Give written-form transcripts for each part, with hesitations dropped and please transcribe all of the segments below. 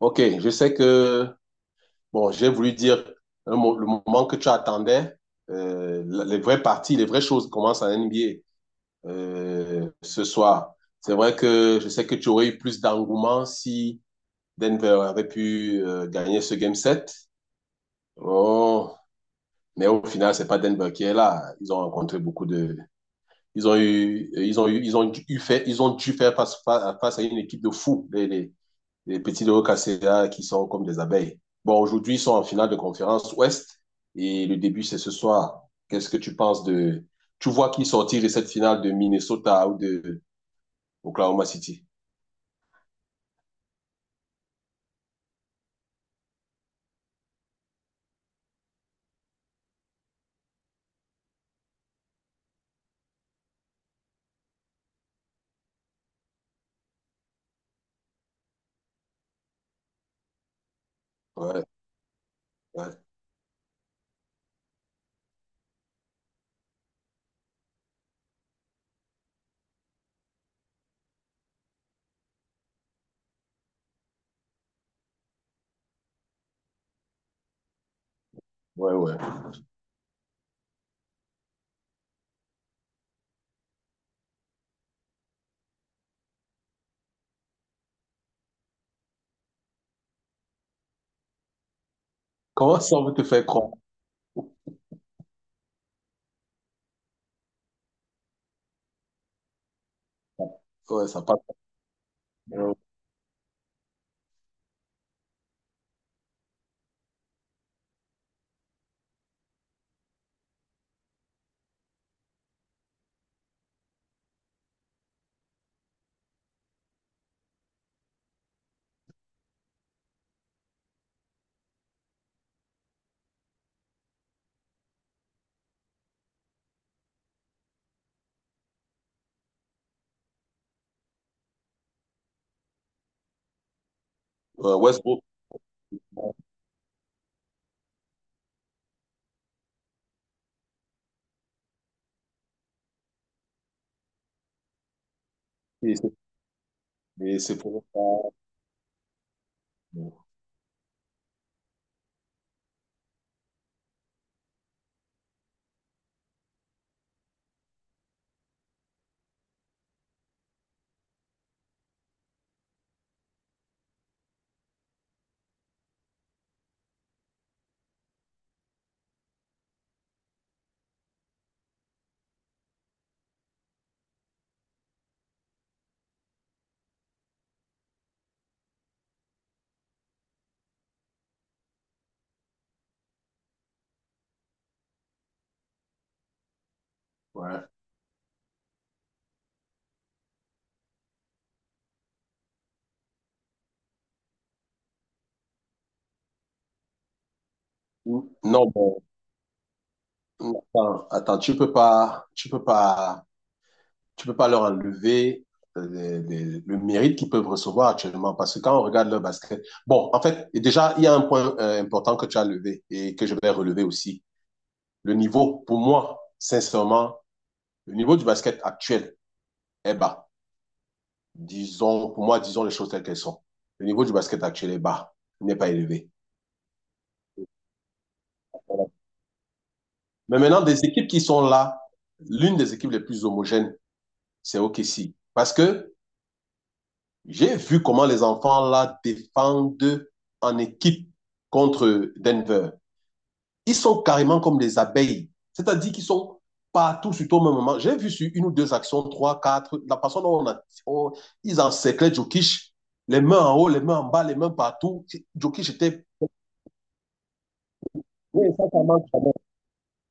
Ok, je sais que, bon, j'ai voulu dire le moment que tu attendais, les vraies parties, les vraies choses commencent à NBA ce soir. C'est vrai que je sais que tu aurais eu plus d'engouement si Denver avait pu gagner ce Game 7. Oh, mais au final, c'est pas Denver qui est là. Ils ont rencontré beaucoup de... Ils ont eu, ils ont dû faire face à une équipe de fous, les petits de Casera qui sont comme des abeilles. Bon, aujourd'hui, ils sont en finale de conférence Ouest et le début, c'est ce soir. Qu'est-ce que tu penses de. Tu vois qui sortir de cette finale de Minnesota ou de Oklahoma City? Ouais, ouais, ouais. Comment ça, on veut te faire croire? Ouais, ça passe. Euh, Westbrook, et c'est et c'est pour ça. Ouais. Non, bon. Attends, attends, tu peux pas leur enlever le mérite qu'ils peuvent recevoir actuellement parce que quand on regarde leur basket, bon, en fait, et déjà, il y a un point important que tu as levé et que je vais relever aussi. Le niveau, pour moi, sincèrement, le niveau du basket actuel est bas. Disons, pour moi, disons les choses telles qu'elles sont. Le niveau du basket actuel est bas, il n'est pas élevé. Voilà. Mais maintenant, des équipes qui sont là, l'une des équipes les plus homogènes, c'est OKC. Parce que J'ai vu comment les enfants là défendent en équipe contre Denver. Ils sont carrément comme des abeilles, c'est-à-dire qu'ils sont partout sur au même moment. J'ai vu sur une ou deux actions, trois, quatre, la façon dont ils encerclaient Jokic, les mains en haut, les mains en bas, les mains partout. Jokic était Oui, ça marche.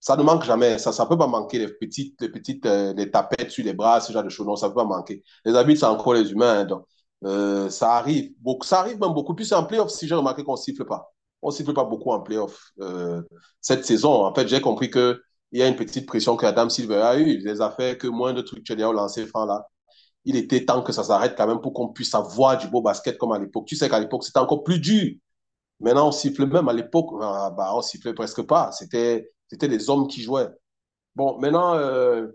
Ça ne manque jamais. Ça ne peut pas manquer les petites les tapettes sur les bras, ce genre de choses. Non, ça ne peut pas manquer. Les arbitres, c'est encore les humains. Hein, donc, ça arrive. Beaucoup, ça arrive même beaucoup plus en playoff, si j'ai remarqué qu'on ne siffle pas. On ne siffle pas beaucoup en playoff cette saison. En fait, j'ai compris qu'il y a une petite pression que Adam Silver a eue. Il les a fait que moins de trucs que au lancé franc là. Il était temps que ça s'arrête quand même pour qu'on puisse avoir du beau basket comme à l'époque. Tu sais qu'à l'époque, c'était encore plus dur. Maintenant, on siffle même à l'époque, on sifflait presque pas. C'était des hommes qui jouaient. Bon, maintenant, euh,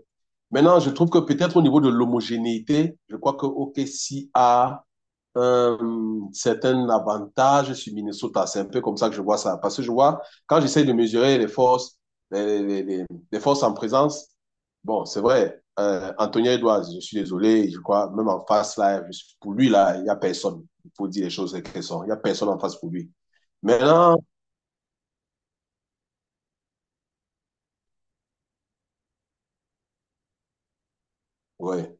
maintenant, je trouve que peut-être au niveau de l'homogénéité, je crois que OKC a un certain avantage sur Minnesota. C'est un peu comme ça que je vois ça. Parce que je vois, quand j'essaie de mesurer les forces, les, les- les- les forces en présence, bon, c'est vrai, Anthony Edwards, je suis désolé, je crois, même en face, là, pour lui, là, il n'y a personne. Il faut dire les choses telles qu'elles sont. Il n'y a personne en face pour lui. Maintenant, ouais,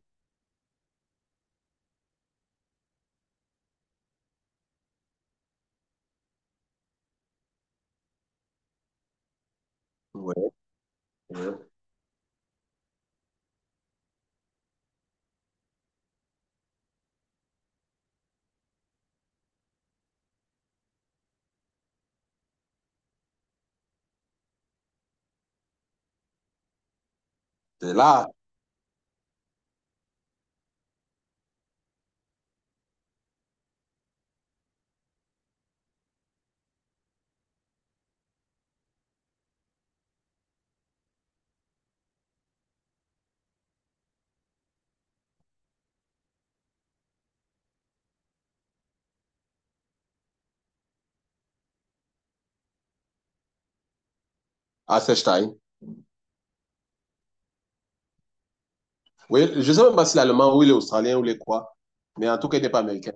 ouais, ouais. C'est là, à Stein. Oui, je ne sais même pas s'il est allemand ou il est australien ou il est quoi, mais en tout cas, il n'est pas américain.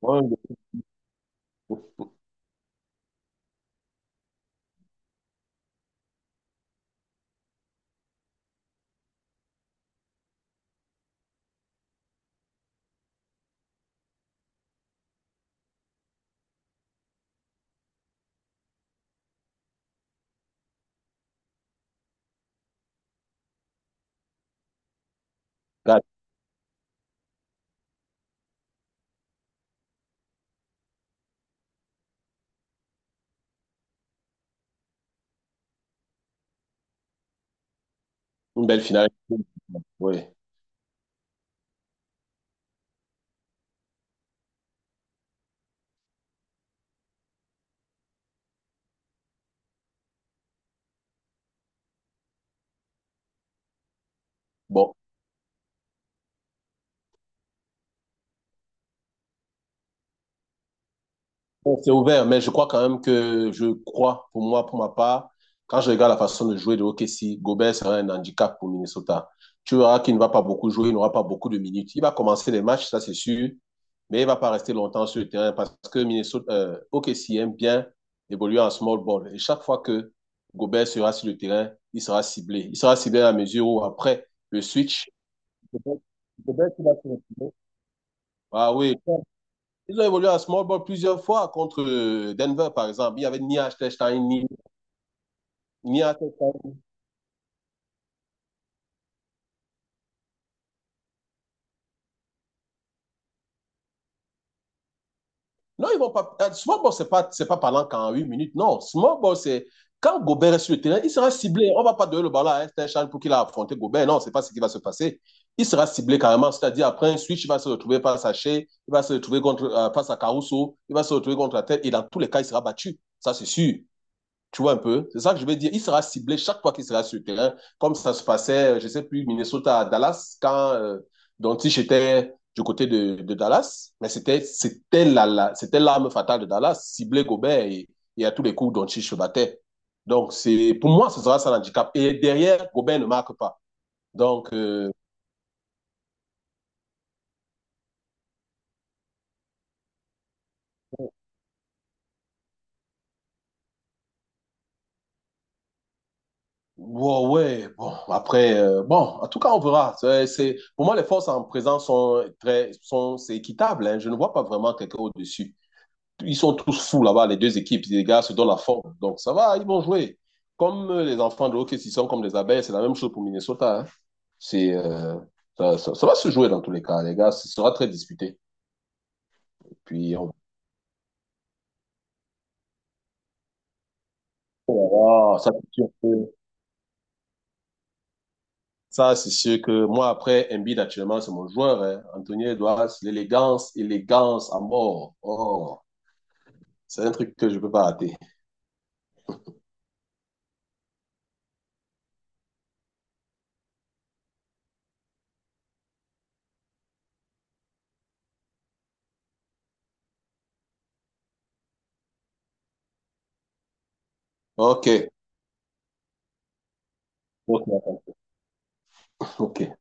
Ouais. Une belle finale. Oui. Bon. Bon, c'est ouvert, mais je crois quand même que je crois, pour moi, pour ma part, quand je regarde la façon de jouer de OKC, Gobert sera un handicap pour Minnesota. Tu verras qu'il ne va pas beaucoup jouer, il n'aura pas beaucoup de minutes. Il va commencer les matchs, ça c'est sûr, mais il ne va pas rester longtemps sur le terrain parce que OKC aime bien évoluer en small ball. Et chaque fois que Gobert sera sur le terrain, il sera ciblé. Il sera ciblé à la mesure où après le switch. Gobert, Gobert, tu l'as sur le Ah oui, ils ont évolué à small ball plusieurs fois contre Denver, par exemple. Il y avait Stein, ni, ni Stein. Non, ils vont pas. Small ball, c'est pas parlant qu'en 8 minutes. Non, small ball, c'est quand Gobert est sur le terrain, il sera ciblé. On ne va pas donner le ballon à Stein pour qu'il a affronté Gobert. Non, c'est pas ce qui va se passer. Il sera ciblé carrément. C'est-à-dire, après un switch, il va se retrouver face à Shea, il va se retrouver contre, face à Caruso, il va se retrouver contre la tête. Et dans tous les cas, il sera battu. Ça, c'est sûr. Tu vois un peu? C'est ça que je veux dire. Il sera ciblé chaque fois qu'il sera sur le terrain, comme ça se passait, je sais plus, Minnesota à Dallas, quand Doncic était du côté de Dallas. Mais c'était l'arme fatale de Dallas, cibler Gobert et à tous les coups, Doncic se battait. Donc, c'est, pour moi, ce sera ça l'handicap. Et derrière, Gobert ne marque pas. Donc, ouais, bon, après, bon, en tout cas, on verra. Pour moi, les forces en présence c'est équitable, hein. Je ne vois pas vraiment quelqu'un au-dessus. Ils sont tous fous là-bas, les deux équipes. Les gars se donnent la forme. Donc, ça va, ils vont jouer. Comme les enfants de hockey, s'ils sont comme des abeilles, c'est la même chose pour Minnesota, hein. C'est, euh, ça va se jouer dans tous les cas, les gars. Ce sera très disputé. Et puis, on verra. Ça, c'est sûr que moi, après, Embiid, actuellement, c'est mon joueur, hein. Anthony Edwards, l'élégance, élégance à mort. Oh. C'est un truc que je peux pas rater. Ok. Ok. Ok.